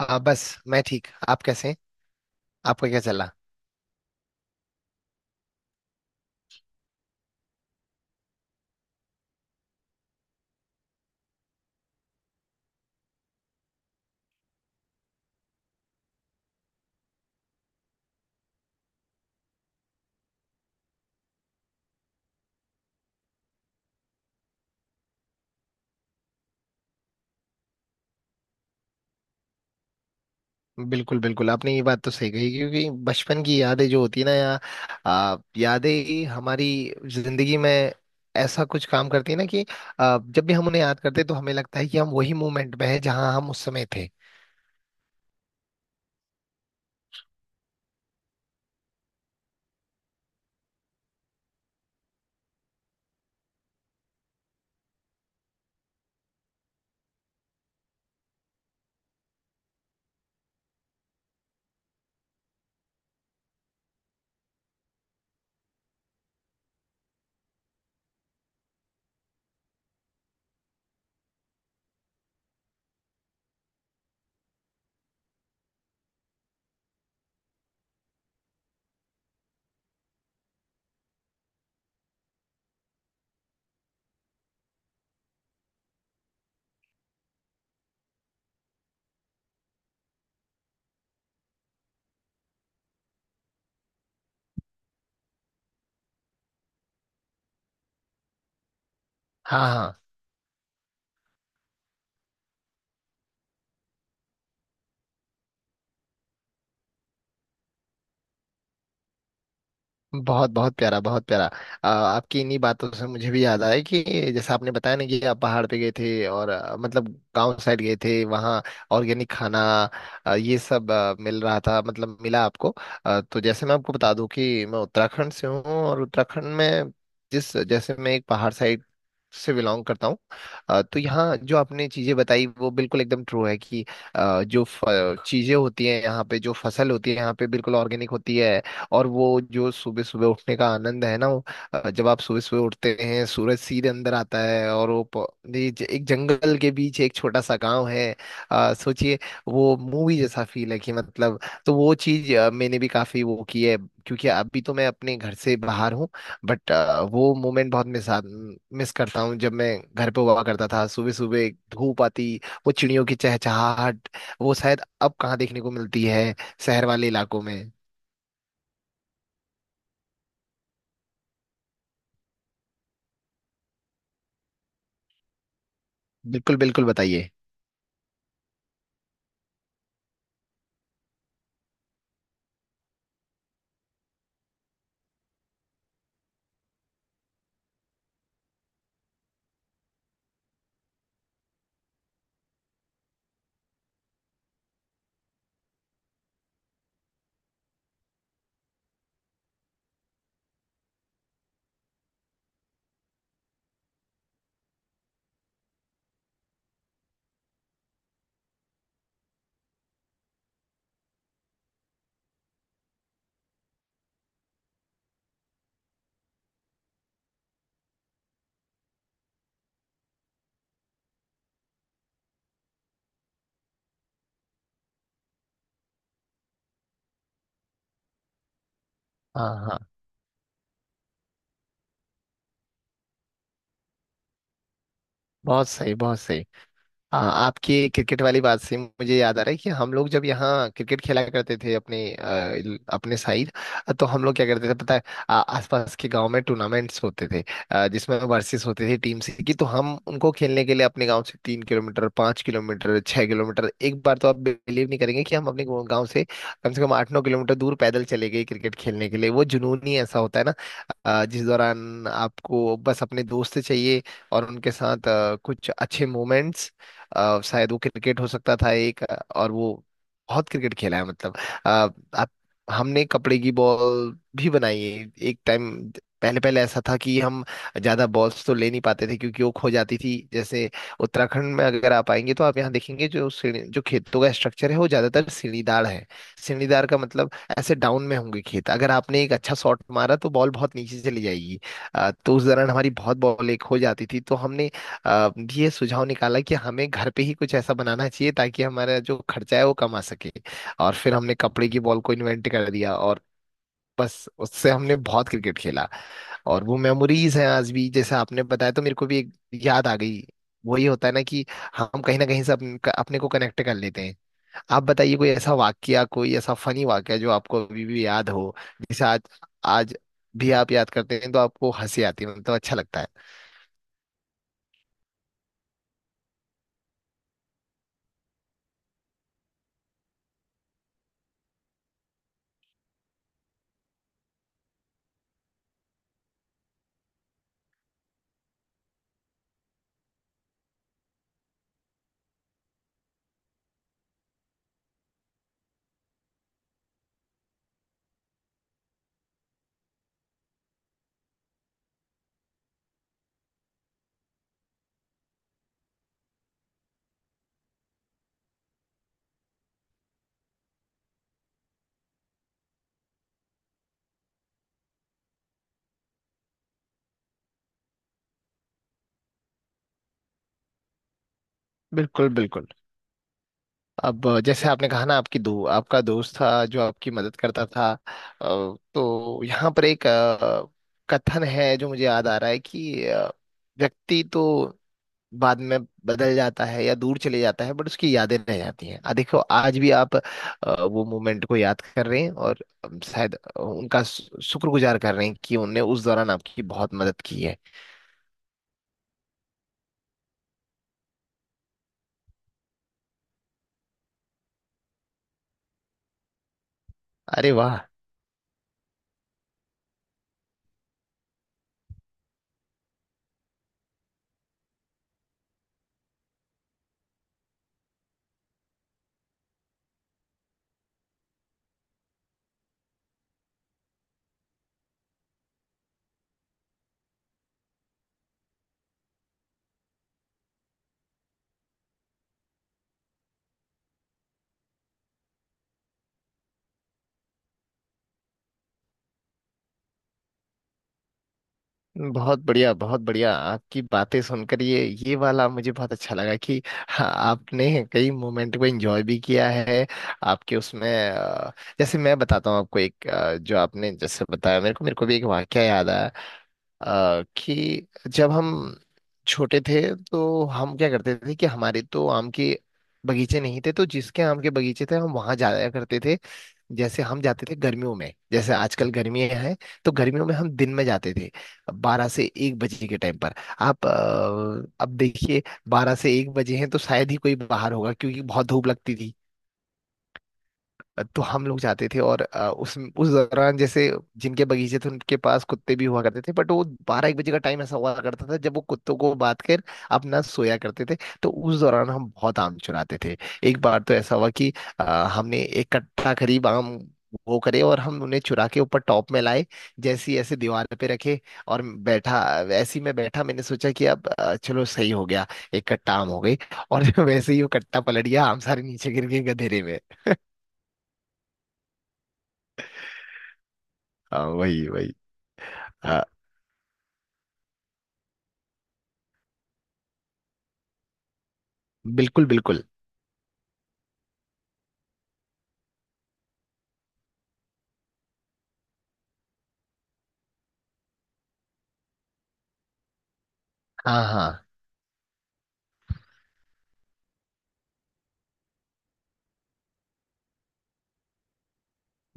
हाँ, बस मैं ठीक। आप कैसे हैं? आपका क्या चला? बिल्कुल बिल्कुल, आपने ये बात तो सही कही क्योंकि बचपन की यादें जो होती है ना यादें ही हमारी जिंदगी में ऐसा कुछ काम करती है ना कि जब भी हम उन्हें याद करते हैं तो हमें लगता है कि हम वही मोमेंट में हैं जहां हम उस समय थे। हाँ हाँ। बहुत बहुत प्यारा, बहुत प्यारा। आपकी इन्हीं बातों से मुझे भी याद आया कि जैसे आपने बताया ना कि आप पहाड़ पे गए थे और मतलब गांव साइड गए थे वहाँ। ऑर्गेनिक खाना, ये सब मिल रहा था मतलब मिला आपको। तो जैसे मैं आपको बता दूं कि मैं उत्तराखंड से हूँ और उत्तराखंड में जिस जैसे मैं एक पहाड़ साइड से बिलोंग करता हूँ। तो यहाँ जो आपने चीजें बताई वो बिल्कुल एकदम ट्रू है कि जो चीजें होती हैं यहाँ पे, जो फसल होती है यहाँ पे बिल्कुल ऑर्गेनिक होती है। और वो जो सुबह सुबह उठने का आनंद है ना, वो जब आप सुबह सुबह उठते हैं सूरज सीधे अंदर आता है, और वो प- ये ज- एक जंगल के बीच एक छोटा सा गांव है। सोचिए, वो मूवी जैसा फील है कि मतलब। तो वो चीज मैंने भी काफी वो की है क्योंकि अभी तो मैं अपने घर से बाहर हूँ। बट वो मोमेंट बहुत मिस मिस करता हूँ जब मैं घर पे हुआ करता था। सुबह सुबह धूप आती, वो चिड़ियों की चहचहाहट, वो शायद अब कहाँ देखने को मिलती है शहर वाले इलाकों में। बिल्कुल बिल्कुल, बताइए। हाँ हाँ। बहुत सही, बहुत सही। हाँ, आपकी क्रिकेट वाली बात से मुझे याद आ रहा है कि हम लोग जब यहाँ क्रिकेट खेला करते थे अपने साइड। तो हम लोग क्या करते थे पता है, आसपास के गांव में टूर्नामेंट्स होते थे। जिसमें वर्सेस होते थे टीम से की, तो हम उनको खेलने के लिए अपने गांव से 3 किलोमीटर, 5 किलोमीटर, 6 किलोमीटर, एक बार तो आप बिलीव नहीं करेंगे कि हम अपने गांव गांव से कम 8-9 किलोमीटर दूर पैदल चले गए क्रिकेट खेलने के लिए। वो जुनून ही ऐसा होता है ना। जिस दौरान आपको बस अपने दोस्त चाहिए और उनके साथ कुछ अच्छे मोमेंट्स। शायद वो क्रिकेट हो सकता था एक। और वो बहुत क्रिकेट खेला है मतलब। अ, आप, हमने कपड़े की बॉल भी बनाई है एक टाइम। पहले पहले ऐसा था कि हम ज्यादा बॉल्स तो ले नहीं पाते थे क्योंकि वो खो जाती थी। जैसे उत्तराखंड में अगर आप आएंगे तो आप यहाँ देखेंगे, जो सीढ़ी जो खेतों का स्ट्रक्चर है वो ज्यादातर सीढ़ीदार है। सीढ़ीदार का मतलब ऐसे डाउन में होंगे खेत, अगर आपने एक अच्छा शॉट मारा तो बॉल बहुत नीचे चली जाएगी। तो उस दौरान हमारी बहुत बॉलें खो जाती थी, तो हमने आ, ये सुझाव निकाला कि हमें घर पे ही कुछ ऐसा बनाना चाहिए ताकि हमारा जो खर्चा है वो कम आ सके। और फिर हमने कपड़े की बॉल को इन्वेंट कर दिया, और बस उससे हमने बहुत क्रिकेट खेला। और वो मेमोरीज हैं आज भी, जैसे आपने बताया तो मेरे को भी एक याद आ गई। वही होता है ना कि हम कहीं ना कहीं से अपने को कनेक्ट कर लेते हैं। आप बताइए कोई ऐसा वाकया, कोई ऐसा फनी वाकया जो आपको अभी भी याद हो, जिसे आज आज भी आप याद करते हैं तो आपको हंसी आती है, मतलब अच्छा लगता है। बिल्कुल बिल्कुल। अब जैसे आपने कहा ना, आपकी दो आपका दोस्त था जो आपकी मदद करता था। तो यहाँ पर एक कथन है जो मुझे याद आ रहा है कि व्यक्ति तो बाद में बदल जाता है या दूर चले जाता है, बट उसकी यादें रह जाती हैं। आ देखो, आज भी आप वो मोमेंट को याद कर रहे हैं और शायद उनका शुक्रगुजार कर रहे हैं कि उनने उस दौरान आपकी बहुत मदद की है। अरे वाह, बहुत बढ़िया, बहुत बढ़िया। आपकी बातें सुनकर ये वाला मुझे बहुत अच्छा लगा कि हाँ, आपने कई मोमेंट को एंजॉय भी किया है आपके उसमें। जैसे मैं बताता हूँ आपको एक। जो आपने जैसे बताया, मेरे को भी एक वाकया याद आया। कि जब हम छोटे थे तो हम क्या करते थे कि हमारे तो आम के बगीचे नहीं थे, तो जिसके आम के बगीचे थे हम वहां जाया करते थे। जैसे हम जाते थे गर्मियों में, जैसे आजकल गर्मियां हैं, तो गर्मियों में हम दिन में जाते थे, 12 से 1 बजे के टाइम पर। आप, अब देखिए, 12 से 1 बजे हैं तो शायद ही कोई बाहर होगा क्योंकि बहुत धूप लगती थी। तो हम लोग जाते थे और उस दौरान, जैसे जिनके बगीचे थे उनके पास कुत्ते भी हुआ करते थे, बट वो 12-1 बजे का टाइम ऐसा हुआ करता था जब वो कुत्तों को बांध कर अपना सोया करते थे। तो उस दौरान हम बहुत आम चुराते थे। एक बार तो ऐसा हुआ कि अ, हमने एक कट्टा करीब आम वो करे, और हम उन्हें चुरा के ऊपर टॉप में लाए, जैसी ऐसे दीवार पे रखे, और बैठा, ऐसी मैं बैठा, मैंने सोचा कि अब चलो सही हो गया, एक कट्टा आम हो गई। और वैसे ही वो कट्टा पलट गया, आम सारे नीचे गिर गए गधेरे में। हाँ, वही वही। आ, बिल्कुल बिल्कुल। हाँ हाँ।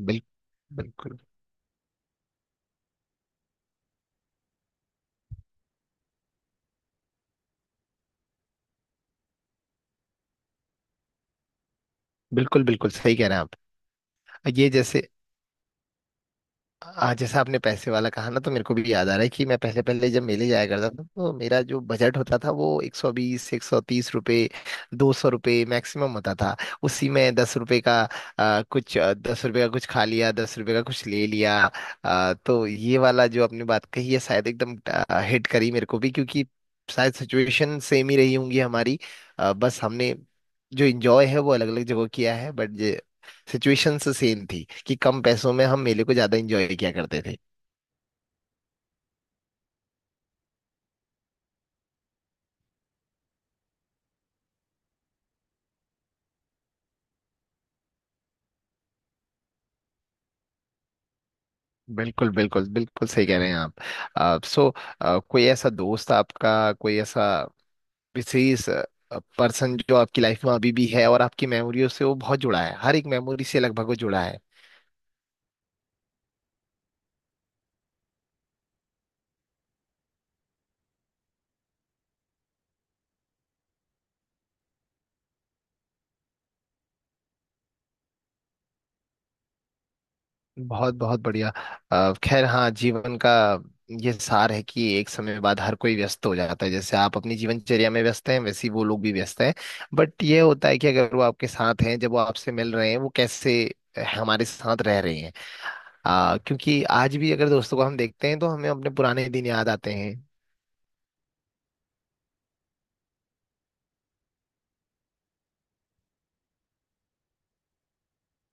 बिल, बिल्कुल बिल्कुल, बिल्कुल सही कह रहे हैं आप। ये जैसे, आज जैसे आपने पैसे वाला कहा ना, तो मेरे को भी याद आ रहा है कि मैं पहले पहले जब मेले जाया करता था तो मेरा जो बजट होता था वो 120, 130 रुपये, 200 रुपये मैक्सिमम होता था। उसी में 10 रुपये का कुछ, 10 रुपये का कुछ खा लिया, 10 रुपये का कुछ ले लिया। तो ये वाला जो आपने बात कही है शायद एकदम हिट करी मेरे को भी क्योंकि शायद सिचुएशन सेम ही रही होंगी हमारी। बस हमने जो इंजॉय है वो अलग अलग जगह किया है, बट सिचुएशन से सेम थी कि कम पैसों में हम मेले को ज्यादा एंजॉय किया करते थे। बिल्कुल बिल्कुल, बिल्कुल सही कह रहे हैं आप। सो, कोई ऐसा दोस्त आपका, कोई ऐसा विशेष पर्सन जो आपकी लाइफ में अभी भी है और आपकी मेमोरियों से वो बहुत जुड़ा है, हर एक मेमोरी से लगभग वो जुड़ा है? बहुत बहुत बढ़िया। खैर, हाँ, जीवन का ये सार है कि एक समय बाद हर कोई व्यस्त हो जाता है। जैसे आप अपनी जीवनचर्या में व्यस्त हैं, वैसे ही वो लोग भी व्यस्त हैं। बट ये होता है कि अगर वो आपके साथ हैं, जब वो आपसे मिल रहे हैं, वो कैसे हमारे साथ रह रहे हैं। क्योंकि आज भी अगर दोस्तों को हम देखते हैं तो हमें अपने पुराने दिन याद आते हैं।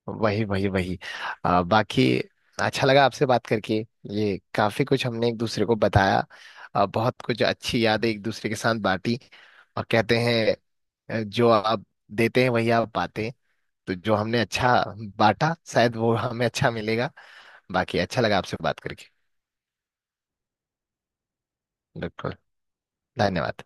वही वही वही। बाकी, अच्छा लगा आपसे बात करके। ये काफी कुछ हमने एक दूसरे को बताया, बहुत कुछ अच्छी यादें एक दूसरे के साथ बांटी। और कहते हैं, जो आप देते हैं वही आप पाते हैं। तो जो हमने अच्छा बांटा शायद वो हमें अच्छा मिलेगा। बाकी अच्छा लगा आपसे बात करके। बिल्कुल। धन्यवाद।